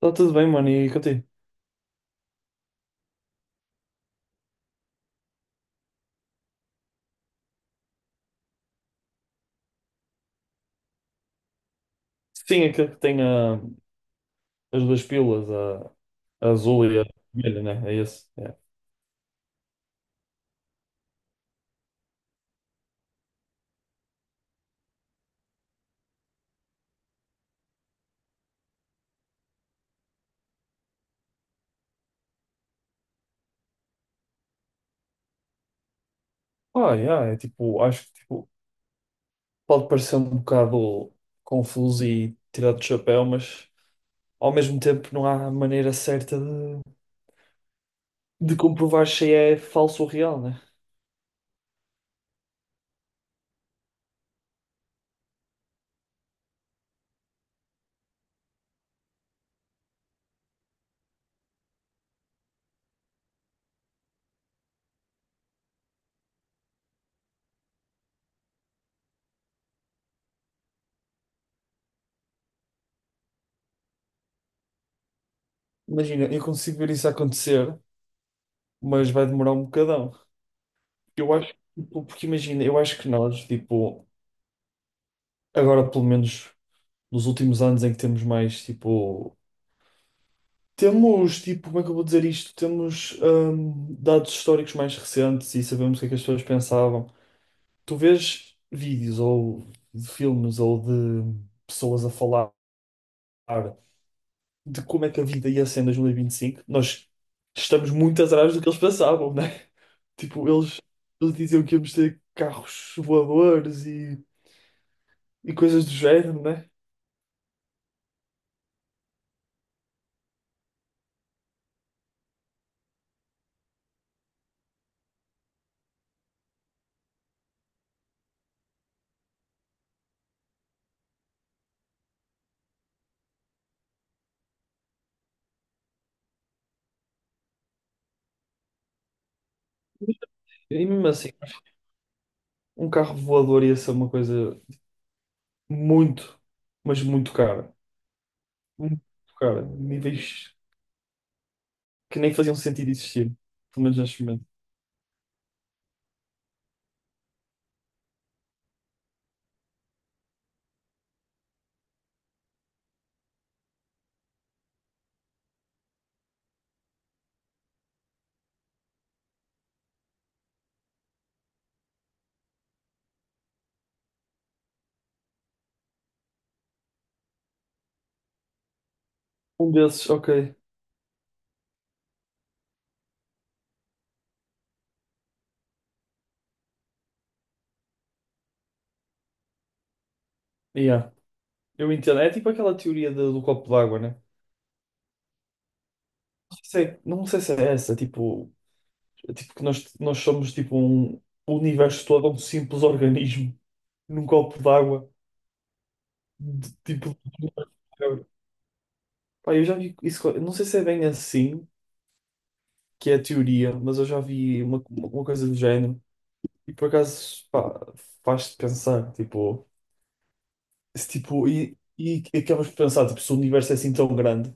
Está tudo bem, mano, e contigo? Sim, aquele que tem as duas pílulas, a azul e a vermelha, né? É esse. É. Yeah, é tipo, acho que tipo, pode parecer um bocado confuso e tirado do chapéu, mas ao mesmo tempo não há maneira certa de comprovar se é falso ou real, né? Imagina, eu consigo ver isso acontecer, mas vai demorar um bocadão. Eu acho, tipo, porque imagina, eu acho que nós, tipo, agora pelo menos nos últimos anos em que temos mais, tipo. Temos, tipo, como é que eu vou dizer isto? Temos dados históricos mais recentes e sabemos o que é que as pessoas pensavam. Tu vês vídeos ou de filmes ou de pessoas a falar de como é que a vida ia ser em 2025, nós estamos muito atrás do que eles pensavam, né? Tipo, eles diziam que íamos ter carros voadores e coisas do género, né? E mesmo assim, um carro voador ia ser uma coisa muito, mas muito cara. Um, cara, níveis que nem faziam sentido existir, pelo menos neste momento. Um desses, ok, yeah. Eu entendo. É tipo aquela teoria do copo d'água, né? Não sei, não sei se é essa, tipo, é tipo que nós somos tipo um, o universo todo é um simples organismo num copo d'água, de- tipo. Pá, eu já vi isso, eu não sei se é bem assim que é a teoria, mas eu já vi uma coisa do género e por acaso, pá, faz-te pensar, tipo. Se, tipo, e acabas por pensar, tipo, se o universo é assim tão grande,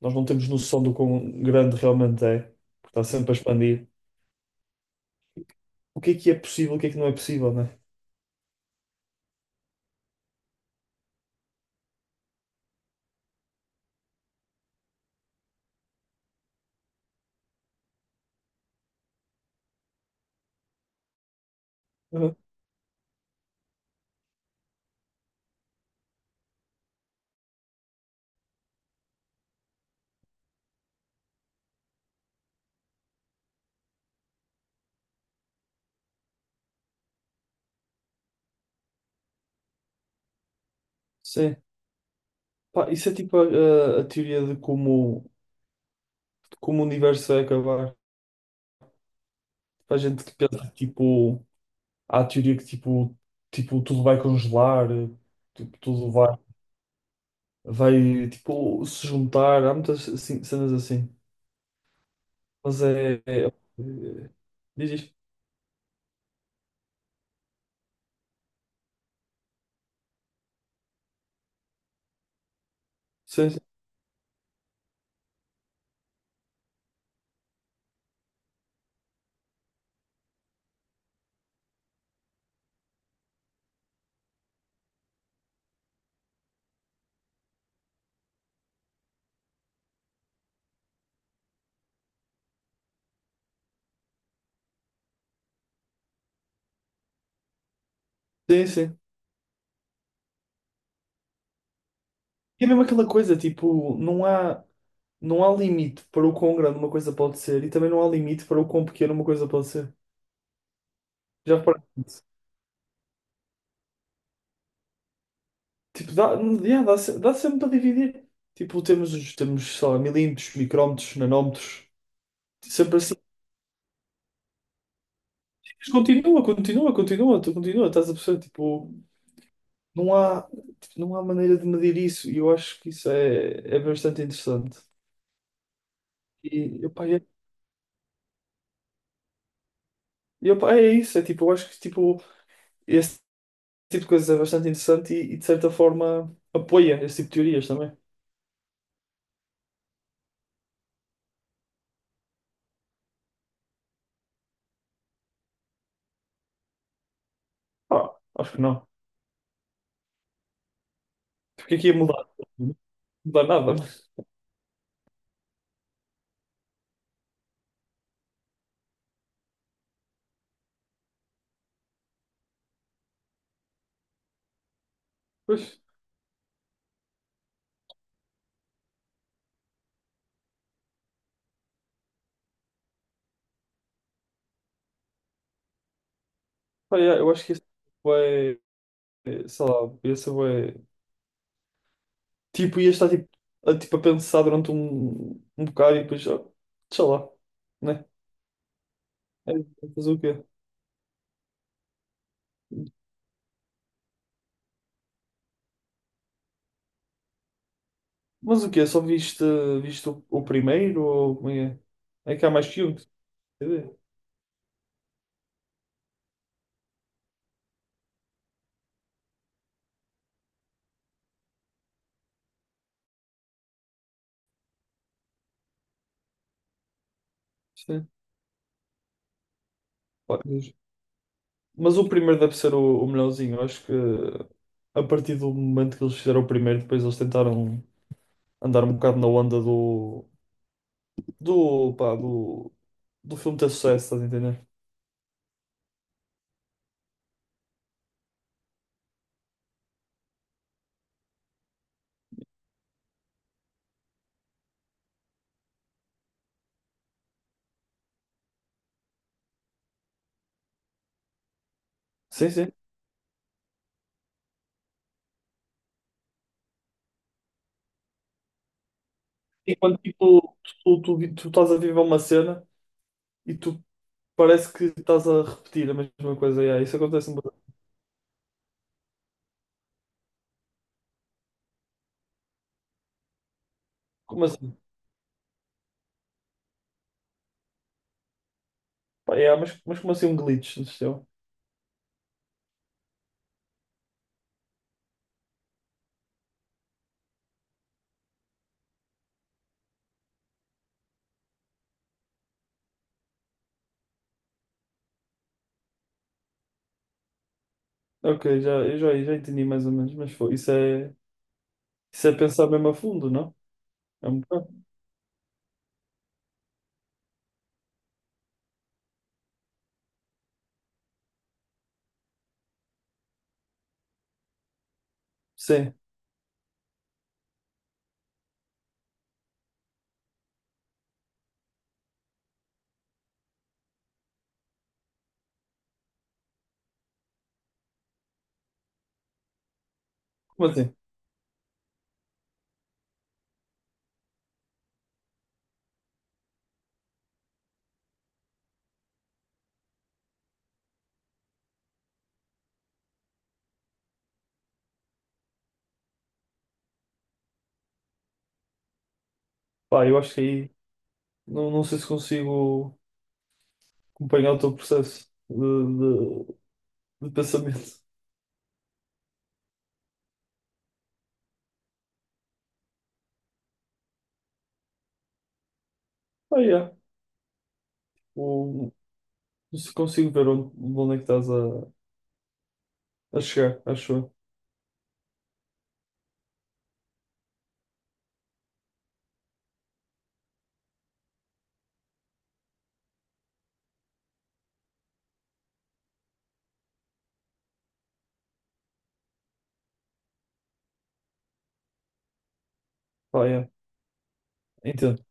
nós não temos noção do quão grande realmente é, porque está sempre a expandir. O que é possível, o que é que não é possível, né? Uhum. Sim. Pá, isso é tipo a teoria de como o universo vai acabar. Há gente que pensa, tipo, há a teoria que tipo, tipo, tudo vai congelar, tipo, tudo vai, vai tipo, se juntar. Há muitas assim, cenas assim. Mas é. É- é- diz isto. Sim, sim. Sim, sim. E é mesmo aquela coisa, tipo, não há, não há limite para o quão grande uma coisa pode ser e também não há limite para o quão pequena uma coisa pode ser. Já reparaste? Nisso? Tipo, dá, yeah, dá, se- dá sempre para dividir. Tipo, temos, os- temos, sei lá, milímetros, micrómetros, nanómetros, sempre assim. Mas continua, continua, continua, tu continua, estás a perceber? Não há, tipo, não há maneira de medir isso e eu acho que isso é, é bastante interessante. E, epá, é, e, epá, é isso, é tipo, eu acho que tipo, esse tipo de coisas é bastante interessante e, de certa forma, apoia esse tipo de teorias também. Ah, acho que não. Porque aqui ia mudar, não mudar nada, mas pois, pá, é, eu acho que esse vai é, é, sei lá, esse é, tipo, ia estar tipo, a, tipo, a pensar durante um, um bocado e depois, ah, sei lá. Né? É, fazer o quê? Mas o quê? Só viste, viste o primeiro ou como é? É, é que há mais que um. Quer dizer. Sim. Pá, mas o primeiro deve ser o melhorzinho. Eu acho que a partir do momento que eles fizeram o primeiro, depois eles tentaram andar um bocado na onda do, do, pá, do, do filme ter sucesso, estás a entender? Sim, sim. Enquanto tipo, tu estás a viver uma cena e tu parece que estás a repetir a mesma coisa. Yeah, isso acontece um bocado. Como assim? Pá, yeah, mas como assim um glitch no sistema? Ok, já, eu já, já entendi mais ou menos, mas foi, isso é pensar mesmo a fundo, não? É um bocado. Sim, como assim? Pá, eu acho que aí não, não sei se consigo acompanhar o teu processo de pensamento. Ah, yeah. O, se consigo ver onde, onde é que estás a chegar, acho eu. Pá, yeah. Entendo.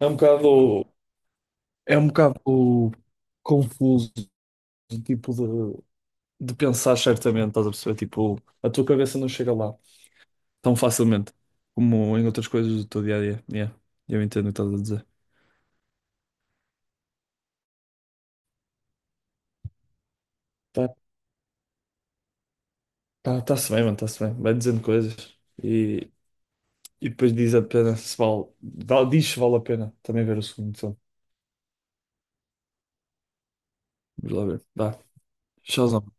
É um bocado. É um bocado confuso, tipo, de pensar certamente, estás a perceber? Tipo, a tua cabeça não chega lá, tão facilmente como em outras coisas do teu dia a dia. Yeah, eu entendo o que estás a dizer. Tá, tá, tá-se bem, mano, está-se bem. Vai dizendo coisas e, e depois diz a pena se vale. Dá- Diz se vale a pena também ver o segundo filme. Vamos lá ver. Dá. Tchauzão.